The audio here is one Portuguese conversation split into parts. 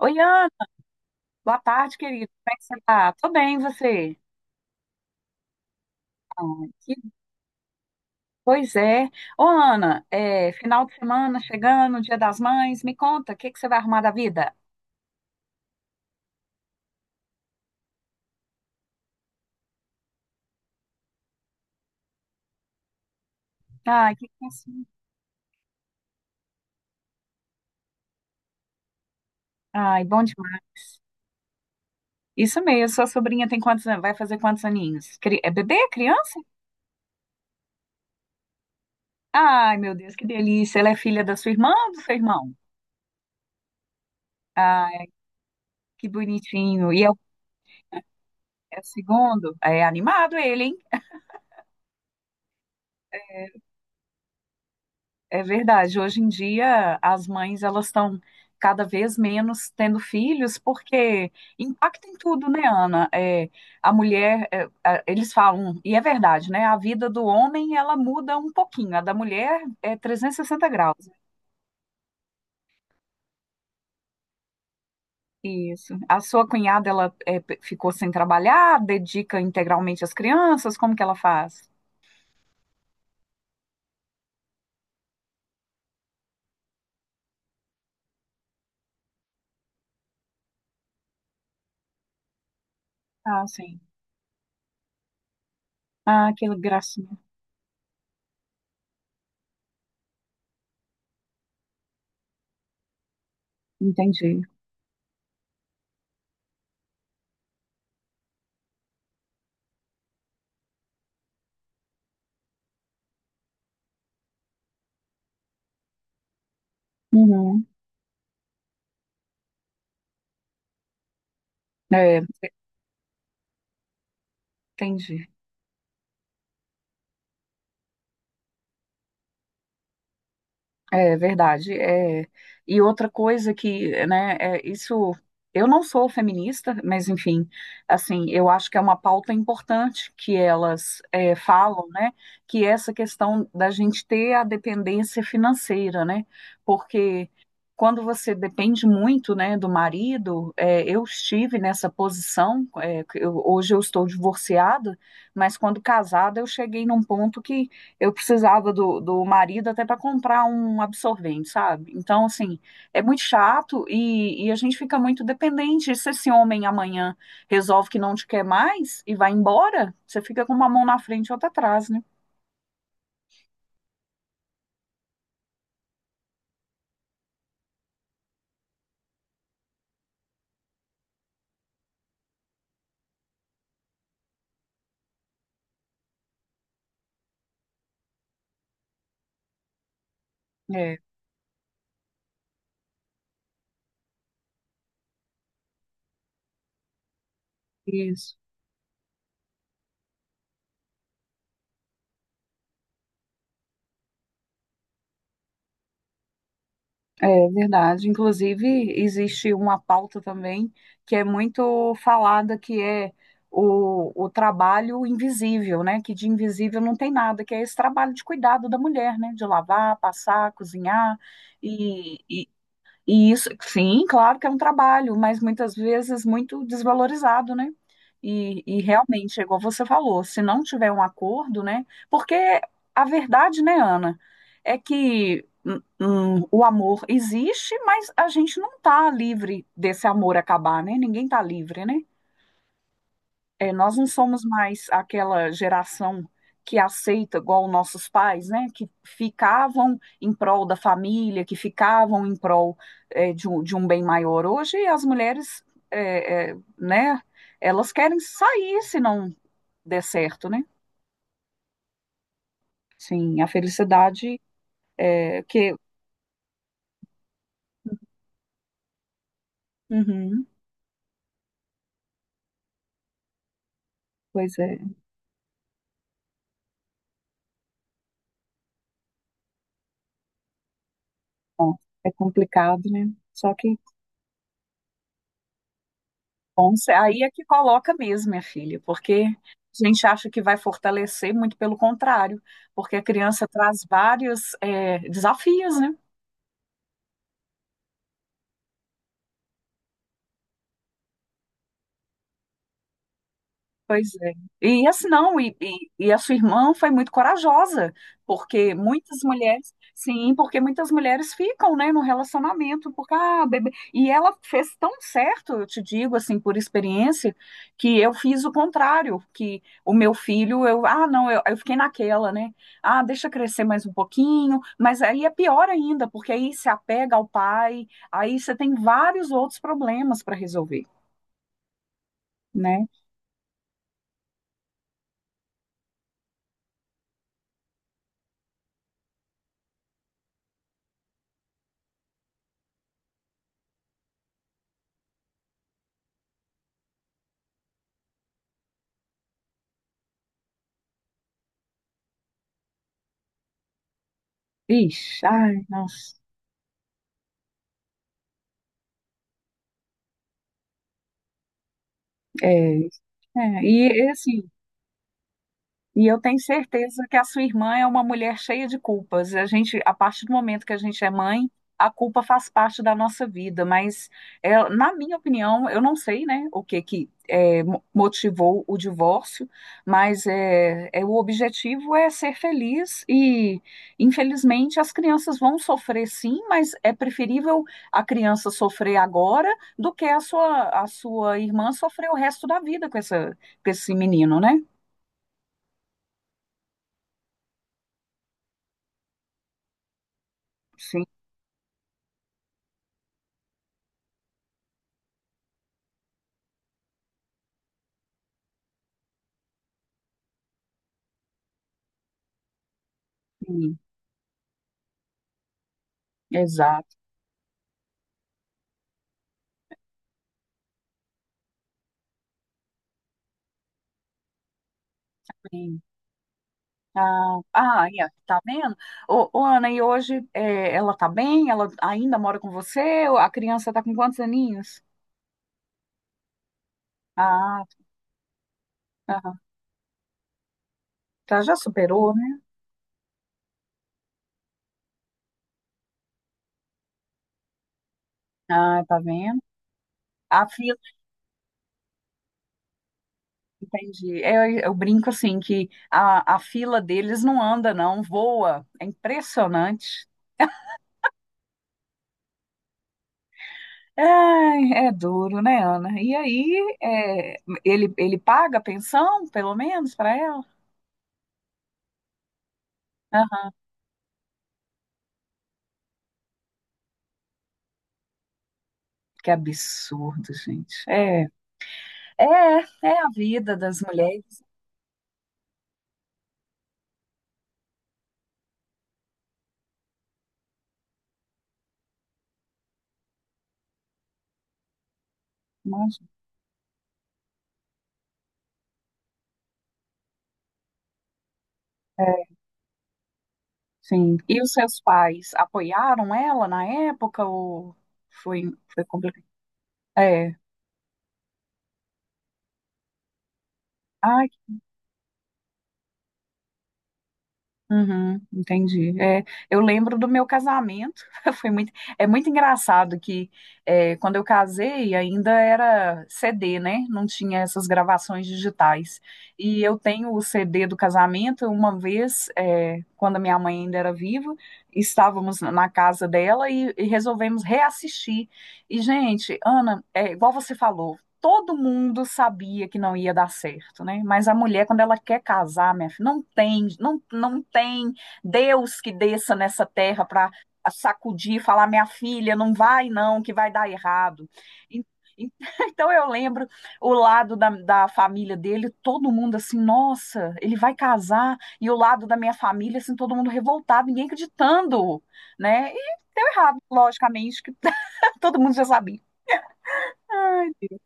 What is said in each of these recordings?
Oi, Ana, boa tarde, querido. Como é que você tá? Tô bem, e você? Ah, que- pois é. Ô, Ana, final de semana chegando, Dia das Mães, me conta, o que que você vai arrumar da vida? Ai, que é isso? Ai, bom demais. Isso mesmo, sua sobrinha tem quantos anos? Vai fazer quantos aninhos? É bebê? Criança? Ai, meu Deus, que delícia. Ela é filha da sua irmã ou do seu irmão? Ai, que bonitinho. E é o é o segundo? É animado ele, hein? É verdade. Hoje em dia, as mães elas estão cada vez menos tendo filhos, porque impacta em tudo, né, Ana? A mulher, eles falam, e é verdade, né? A vida do homem ela muda um pouquinho, a da mulher é trezentos e sessenta graus. Isso. A sua cunhada ela é, ficou sem trabalhar, dedica integralmente às crianças, como que ela faz? Ah, sim. Ah, que gracinha. Entendi. Uhum. É, entendi. É verdade. É. E outra coisa que, né, é isso. Eu não sou feminista, mas enfim, assim, eu acho que é uma pauta importante que elas falam, né? Que é essa questão da gente ter a dependência financeira, né? Porque quando você depende muito, né, do marido, é, eu estive nessa posição. Hoje eu estou divorciada, mas quando casada eu cheguei num ponto que eu precisava do marido até para comprar um absorvente, sabe? Então, assim, é muito chato e a gente fica muito dependente. Se esse homem amanhã resolve que não te quer mais e vai embora, você fica com uma mão na frente e outra atrás, né? É, isso. É verdade. Inclusive, existe uma pauta também que é muito falada, que é o trabalho invisível, né? Que de invisível não tem nada, que é esse trabalho de cuidado da mulher, né? De lavar, passar, cozinhar. E, e isso, sim, claro que é um trabalho, mas muitas vezes muito desvalorizado, né? E realmente, é igual você falou, se não tiver um acordo, né? Porque a verdade, né, Ana, é que o amor existe, mas a gente não tá livre desse amor acabar, né? Ninguém tá livre, né? É, nós não somos mais aquela geração que aceita, igual nossos pais, né? Que ficavam em prol da família, que ficavam em prol, de um bem maior. Hoje as mulheres, né? Elas querem sair se não der certo, né? Sim, a felicidade é que. Uhum, pois é. Bom, é complicado, né? Só que bom, aí é que coloca mesmo, minha filha, porque a gente acha que vai fortalecer, muito pelo contrário, porque a criança traz vários, desafios, né? Pois é. E assim não, e a sua irmã foi muito corajosa, porque muitas mulheres, sim, porque muitas mulheres ficam, né, no relacionamento, porque, ah, bebê. E ela fez tão certo, eu te digo, assim, por experiência, que eu fiz o contrário, que o meu filho, eu, ah, não, eu fiquei naquela, né, ah, deixa crescer mais um pouquinho, mas aí é pior ainda, porque aí se apega ao pai, aí você tem vários outros problemas para resolver, né? Ixi, ai, nossa. É, e é assim, eu tenho certeza que a sua irmã é uma mulher cheia de culpas. A gente, a partir do momento que a gente é mãe, a culpa faz parte da nossa vida. Mas, é, na minha opinião, eu não sei, né, o que que é, motivou o divórcio, mas o objetivo é ser feliz e, infelizmente, as crianças vão sofrer sim, mas é preferível a criança sofrer agora do que a sua irmã sofrer o resto da vida com essa, com esse menino, né? Sim. Exato, sim. Aí, ó, tá vendo? Ana, e hoje é, ela tá bem? Ela ainda mora com você? A criança tá com quantos aninhos? Ah, aham. Tá, já superou, né? Ah, tá vendo? A fila, entendi. É, eu brinco assim que a fila deles não anda, não, voa. É impressionante. Ai, é duro, né, Ana? E aí, é, ele paga a pensão, pelo menos, para ela? Aham. Que absurdo, gente. É. É, é a vida das mulheres, né? É, sim. E os seus pais apoiaram ela na época ou foi, foi complicado? É. Ai, uhum, entendi. É, eu lembro do meu casamento. Foi muito, é muito engraçado que é, quando eu casei ainda era CD, né? Não tinha essas gravações digitais. E eu tenho o CD do casamento. Uma vez, é, quando a minha mãe ainda era viva, estávamos na na casa dela e resolvemos reassistir. E, gente, Ana, é igual você falou, todo mundo sabia que não ia dar certo, né? Mas a mulher, quando ela quer casar, minha filha, não tem, não tem Deus que desça nessa terra para sacudir e falar, minha filha, não vai não, que vai dar errado. E- e- Então eu lembro o lado da família dele, todo mundo assim, nossa, ele vai casar, e o lado da minha família, assim, todo mundo revoltado, ninguém acreditando, né? E deu errado, logicamente, que todo mundo já sabia. Ai, Deus,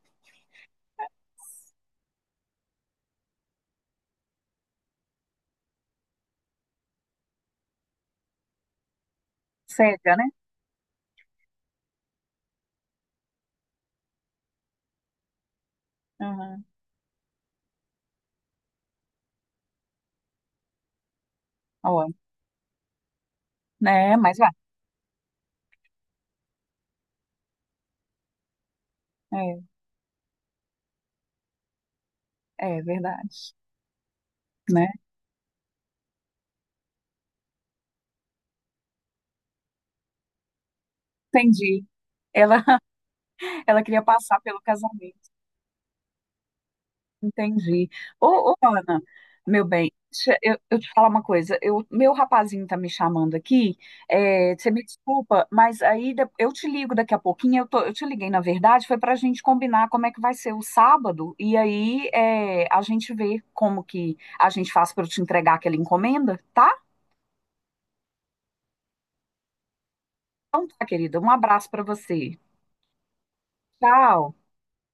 cega, né? Aham. Ó, né? Mas vai. É, É verdade, né? Entendi. Ela, ela queria passar pelo casamento. Entendi. Ana, meu bem, deixa eu te falar uma coisa. Eu, meu rapazinho tá me chamando aqui. É, você me desculpa, mas eu te ligo daqui a pouquinho. Eu, tô, eu te liguei, na verdade, foi pra gente combinar como é que vai ser o sábado. E aí é, a gente vê como que a gente faz pra eu te entregar aquela encomenda, tá? Então tá, querida. Um abraço pra você. Tchau.